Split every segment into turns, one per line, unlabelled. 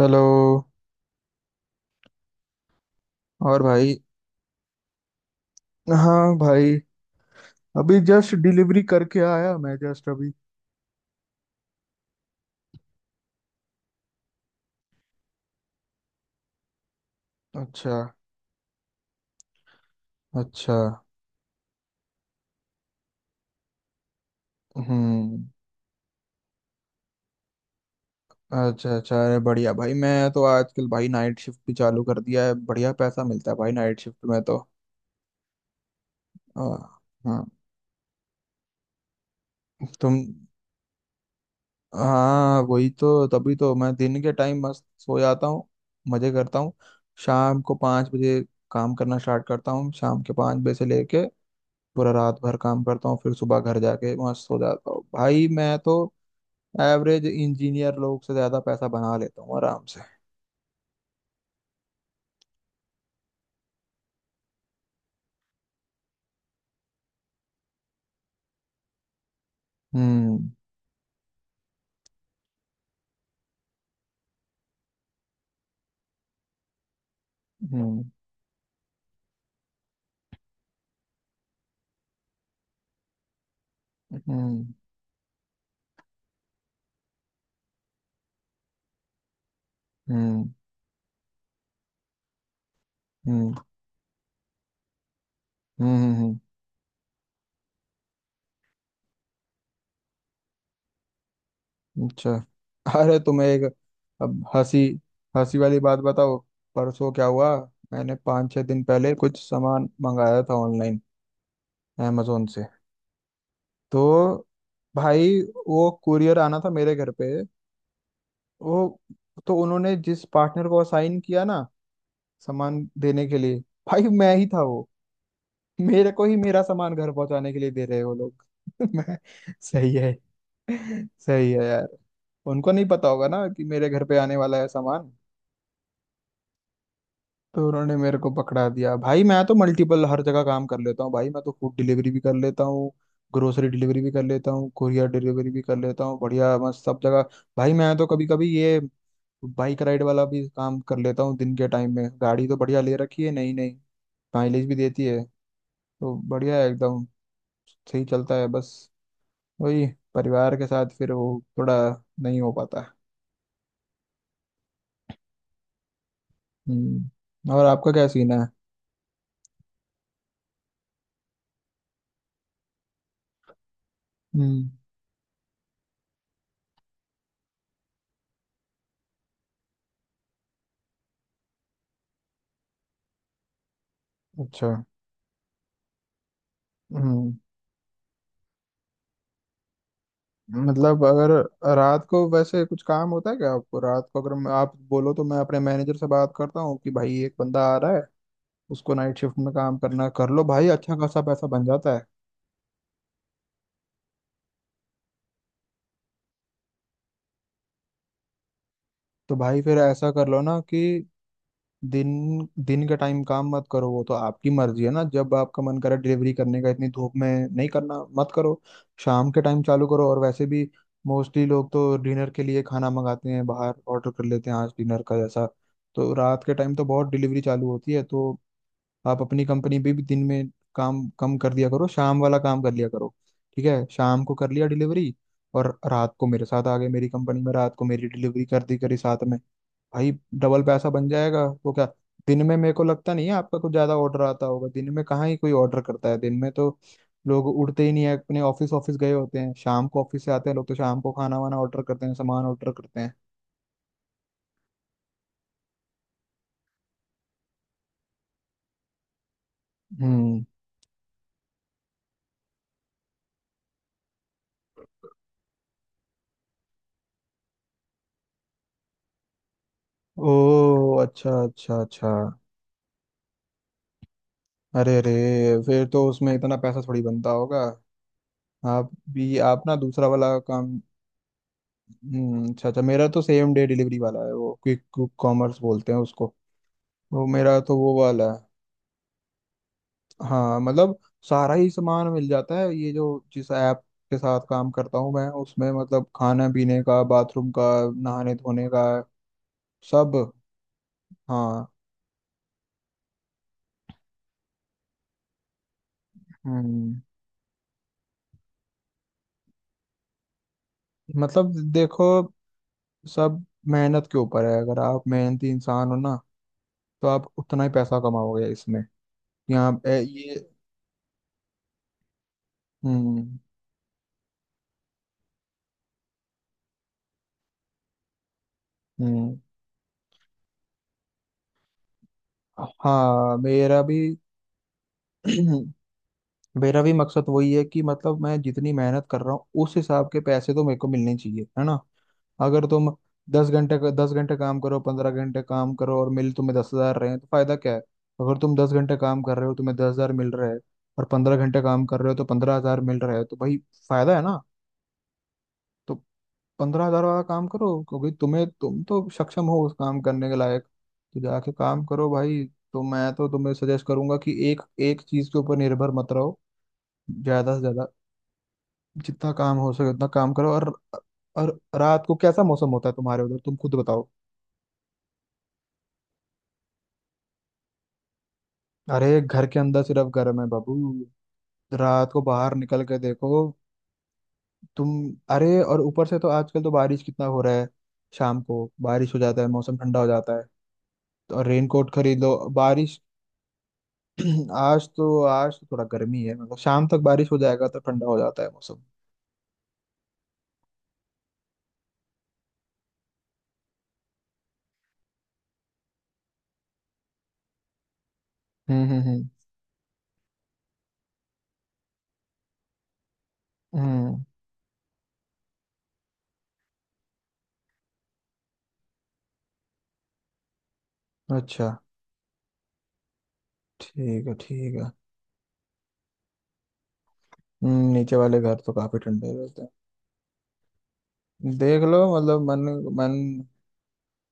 Hello. और भाई, हाँ भाई। अभी जस्ट डिलीवरी करके आया मैं, जस्ट अभी। अच्छा। अच्छा। हम्म। अच्छा। अच्छा अरे बढ़िया भाई, मैं तो आजकल भाई नाइट शिफ्ट भी चालू कर दिया है, बढ़िया पैसा मिलता है भाई नाइट शिफ्ट में तो। आ, हाँ। तुम। हाँ वही तो, तभी तो मैं दिन के टाइम मस्त सो जाता हूँ, मजे करता हूँ। शाम को पाँच बजे काम करना स्टार्ट करता हूँ, शाम के पाँच बजे से लेके पूरा रात भर काम करता हूँ, फिर सुबह घर जाके वहां सो जाता हूँ भाई मैं तो। एवरेज इंजीनियर लोग से ज्यादा पैसा बना लेता हूँ आराम से। हम्म। हम्म। हम्म। हम्म। हम्म। हम्म। हम्म, अच्छा। अरे तुम्हें एक अब हंसी, हंसी वाली बात बताओ, परसों क्या हुआ। मैंने पाँच छः दिन पहले कुछ सामान मंगाया था ऑनलाइन, अमेजोन से। तो भाई, वो कुरियर आना था मेरे घर पे। वो, तो उन्होंने जिस पार्टनर को असाइन किया ना सामान देने के लिए, भाई मैं ही था वो। मेरे को ही मेरा सामान घर पहुंचाने के लिए दे रहे हैं वो लोग मैं। सही है, सही है यार। उनको नहीं पता होगा ना कि मेरे घर पे आने वाला है सामान, तो उन्होंने मेरे को पकड़ा दिया। भाई मैं तो मल्टीपल हर जगह काम कर लेता हूँ भाई, मैं तो फूड डिलीवरी भी कर लेता हूँ, ग्रोसरी डिलीवरी भी कर लेता हूँ, कुरियर डिलीवरी भी कर लेता हूँ, बढ़िया मस्त सब जगह। भाई मैं तो कभी कभी ये बाइक राइड वाला भी काम कर लेता हूँ दिन के टाइम में। गाड़ी तो बढ़िया ले रखी है, नहीं नहीं माइलेज भी देती है, तो बढ़िया है एकदम, सही चलता है। बस वही, परिवार के साथ फिर वो थोड़ा नहीं हो पाता। हम्म, और आपका क्या सीन है। हम्म। अच्छा। हम्म। मतलब अगर रात को वैसे कुछ काम होता है क्या आपको, रात को अगर आप बोलो तो मैं अपने मैनेजर से बात करता हूँ कि भाई एक बंदा आ रहा है, उसको नाइट शिफ्ट में काम करना है, कर लो भाई, अच्छा खासा पैसा बन जाता है। तो भाई फिर ऐसा कर लो ना कि दिन दिन का टाइम काम मत करो, वो तो आपकी मर्जी है ना, जब आपका मन करे डिलीवरी करने का, इतनी धूप में नहीं करना मत करो। शाम के टाइम चालू करो, और वैसे भी मोस्टली लोग तो डिनर के लिए खाना मंगाते हैं बाहर, ऑर्डर कर लेते हैं आज डिनर का जैसा। तो रात के टाइम तो बहुत डिलीवरी चालू होती है, तो आप अपनी कंपनी भी दिन में काम कम कर दिया करो, शाम वाला काम कर लिया करो। ठीक है, शाम को कर लिया डिलीवरी, और रात को मेरे साथ आ गए मेरी कंपनी में, रात को मेरी डिलीवरी कर दी करी साथ में भाई, डबल पैसा बन जाएगा वो क्या। दिन में मेरे को लगता नहीं है आपका कुछ ज्यादा ऑर्डर आता होगा दिन में, कहाँ ही कोई ऑर्डर करता है दिन में तो। लोग उठते ही नहीं है अपने, ऑफिस ऑफिस गए होते हैं, शाम को ऑफिस से आते हैं लोग, तो शाम को खाना वाना ऑर्डर करते हैं, सामान ऑर्डर करते हैं। हम्म। ओ अच्छा, अच्छा अच्छा। अरे रे। फिर तो उसमें इतना पैसा थोड़ी बनता होगा, आप भी आप ना दूसरा वाला काम। हम्म, अच्छा अच्छा। मेरा तो सेम डे डिलीवरी वाला है, वो क्विक कॉमर्स बोलते हैं उसको। वो मेरा तो वो वाला है। हाँ मतलब सारा ही सामान मिल जाता है ये जो जिस ऐप के साथ काम करता हूँ मैं, उसमें मतलब खाना पीने का, बाथरूम का, नहाने धोने का सब। हाँ। हम्म। मतलब देखो सब मेहनत के ऊपर है, अगर आप मेहनती इंसान हो ना तो आप उतना ही पैसा कमाओगे इसमें। यहाँ ये। हम्म। हम्म। हाँ मेरा भी मेरा भी मकसद वही है कि, मतलब मैं जितनी मेहनत कर रहा हूँ उस हिसाब के पैसे तो मेरे को मिलने चाहिए, है ना। अगर तुम दस घंटे काम करो, पंद्रह घंटे काम करो, और मिल तुम्हें दस हजार रहे हैं तो फायदा क्या है। अगर तुम दस घंटे काम कर रहे हो तुम्हें दस हजार मिल रहा है, और पंद्रह घंटे काम कर रहे हो तो पंद्रह हजार मिल रहा है, तो भाई फायदा है ना। तो पंद्रह हजार वाला काम करो, क्योंकि तुम्हें तुम तो सक्षम हो उस काम करने के लायक, तो जाके काम करो भाई। तो मैं तो तुम्हें सजेस्ट करूंगा कि एक एक चीज के ऊपर निर्भर मत रहो, ज्यादा से ज्यादा जितना काम हो सके उतना काम करो। और रात को कैसा मौसम होता है तुम्हारे उधर, तुम खुद बताओ। अरे घर के अंदर सिर्फ गर्म है बाबू, रात को बाहर निकल के देखो। तुम, अरे और ऊपर से तो आजकल तो बारिश कितना हो रहा है, शाम को बारिश हो जाता है, मौसम ठंडा हो जाता है। तो और रेनकोट खरीद लो बारिश। आज तो थोड़ा गर्मी है, मतलब शाम तक बारिश हो जाएगा तो ठंडा हो जाता है मौसम। हम्म। हम्म। हम्म। हम्म, अच्छा। ठीक है, ठीक है। नीचे वाले घर तो काफी ठंडे रहते हैं। देख लो, मतलब मन मन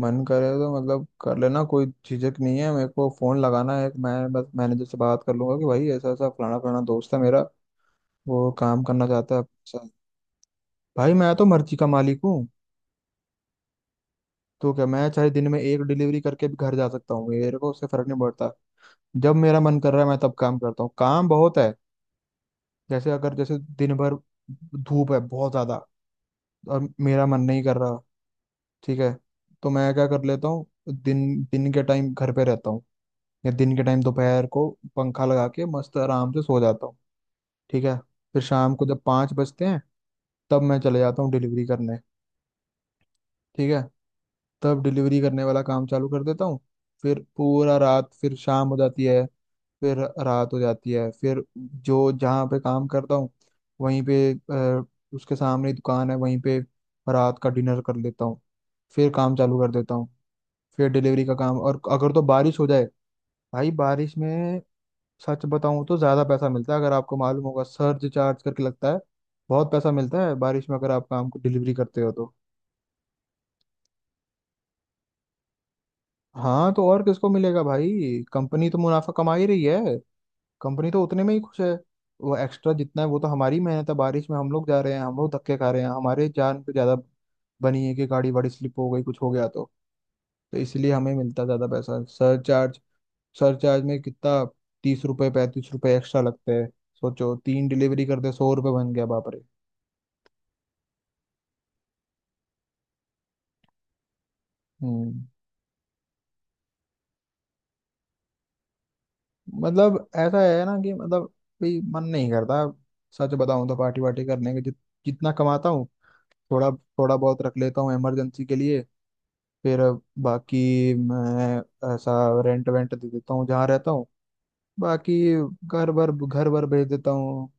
मन करे तो मतलब कर लेना, कोई झिझक नहीं है मेरे को फोन लगाना है, मैं बस मैनेजर से बात कर लूंगा कि भाई ऐसा ऐसा, फलाना फलाना दोस्त है मेरा, वो काम करना चाहता है आपके साथ। भाई मैं तो मर्जी का मालिक हूँ। तो क्या मैं चाहे दिन में एक डिलीवरी करके भी घर जा सकता हूँ, मेरे को उससे फर्क नहीं पड़ता। जब मेरा मन कर रहा है मैं तब काम करता हूँ, काम बहुत है। जैसे अगर जैसे दिन भर धूप है बहुत ज्यादा और मेरा मन नहीं कर रहा, ठीक है तो मैं क्या कर लेता हूँ, दिन दिन के टाइम घर पे रहता हूँ, या दिन के टाइम दोपहर को पंखा लगा के मस्त आराम से सो जाता हूँ। ठीक है, फिर शाम को जब पाँच बजते हैं तब मैं चले जाता हूँ डिलीवरी करने। ठीक है, तब डिलीवरी करने वाला काम चालू कर देता हूँ। फिर पूरा रात, फिर शाम हो जाती है, फिर रात हो जाती है, फिर जो जहाँ पे काम करता हूँ वहीं पे उसके सामने ही दुकान है वहीं पे रात का डिनर कर लेता हूँ, फिर काम चालू कर देता हूँ, फिर डिलीवरी का काम। और अगर तो बारिश हो जाए भाई, बारिश में सच बताऊं तो ज्यादा पैसा मिलता है, अगर आपको मालूम होगा सर्ज चार्ज करके लगता है। बहुत पैसा मिलता है बारिश में अगर आप काम को डिलीवरी करते हो तो। हाँ तो और किसको मिलेगा भाई, कंपनी तो मुनाफा कमा ही रही है, कंपनी तो उतने में ही खुश है। वो एक्स्ट्रा जितना है वो तो हमारी मेहनत है, बारिश में हम लोग जा रहे हैं, हम लोग धक्के खा रहे हैं, हमारे जान पे ज्यादा बनी है कि गाड़ी वाड़ी स्लिप हो गई कुछ हो गया तो इसलिए हमें मिलता ज्यादा पैसा सर्च चार्ज। सर्च चार्ज में कितना, तीस रुपए पैंतीस रुपए एक्स्ट्रा लगते हैं। सोचो तीन डिलीवरी करते सौ रुपए बन गया, बाप रे। हम्म। मतलब ऐसा है ना कि मतलब भी मन नहीं करता, सच बताऊं तो पार्टी वार्टी करने के, जितना कमाता हूँ थोड़ा, थोड़ा बहुत रख लेता हूँ इमरजेंसी के लिए। फिर बाकी मैं ऐसा रेंट वेंट दे देता हूँ जहाँ रहता हूँ, बाकी घर भर भेज देता हूँ,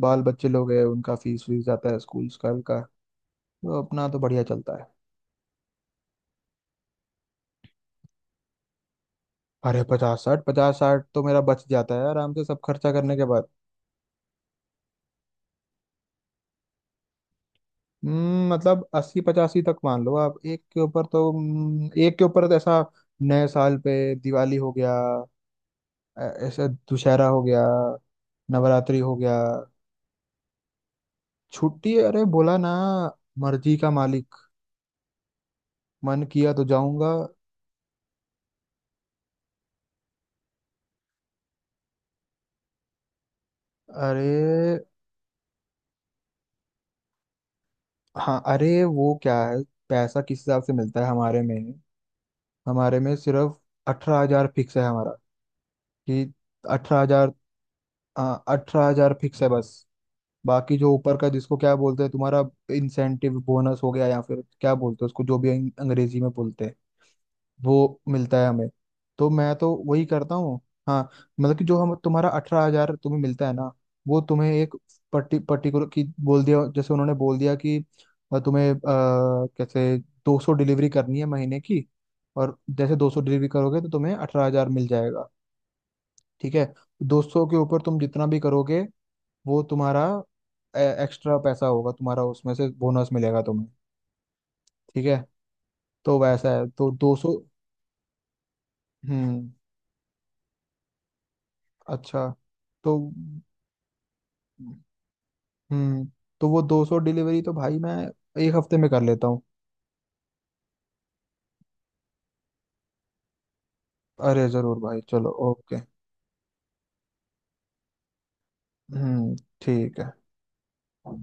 बाल बच्चे लोग हैं उनका फीस, फीस जाता है स्कूल, स्कूल का। तो अपना तो बढ़िया चलता है। अरे पचास साठ, पचास साठ तो मेरा बच जाता है आराम से सब खर्चा करने के। मतलब अस्सी पचासी तक मान लो आप, एक के ऊपर तो, एक के ऊपर तो ऐसा नए साल पे दिवाली हो गया, ऐसा दुशहरा हो गया, नवरात्रि हो गया। छुट्टी, अरे बोला ना मर्जी का मालिक, मन किया तो जाऊंगा। अरे। हाँ, अरे वो क्या है, पैसा किस हिसाब से मिलता है हमारे में, हमारे में सिर्फ अठारह हजार फिक्स है हमारा। कि अठारह हजार, हाँ, अठारह हजार फिक्स है बस। बाकी जो ऊपर का जिसको क्या बोलते हैं तुम्हारा, इंसेंटिव, बोनस हो गया, या फिर क्या बोलते हैं उसको, जो भी अंग्रेजी में बोलते हैं, वो मिलता है हमें। तो मैं तो वही करता हूँ। हाँ मतलब कि जो हम तुम्हारा अठारह हजार तुम्हें मिलता है ना, वो तुम्हें एक पर्टिकुलर की बोल दिया, जैसे उन्होंने बोल दिया कि तुम्हें कैसे दो सौ डिलीवरी करनी है महीने की, और जैसे दो सौ डिलीवरी करोगे तो तुम्हें अठारह हजार मिल जाएगा। ठीक है, दो सौ के ऊपर तुम जितना भी करोगे वो तुम्हारा एक्स्ट्रा पैसा होगा, तुम्हारा उसमें से बोनस मिलेगा तुम्हें। ठीक है, तो वैसा है। तो 200 हम्म अच्छा तो हम्म तो वो 200 डिलीवरी तो भाई मैं एक हफ्ते में कर लेता हूँ। अरे जरूर भाई चलो ओके। हम्म। ठीक है।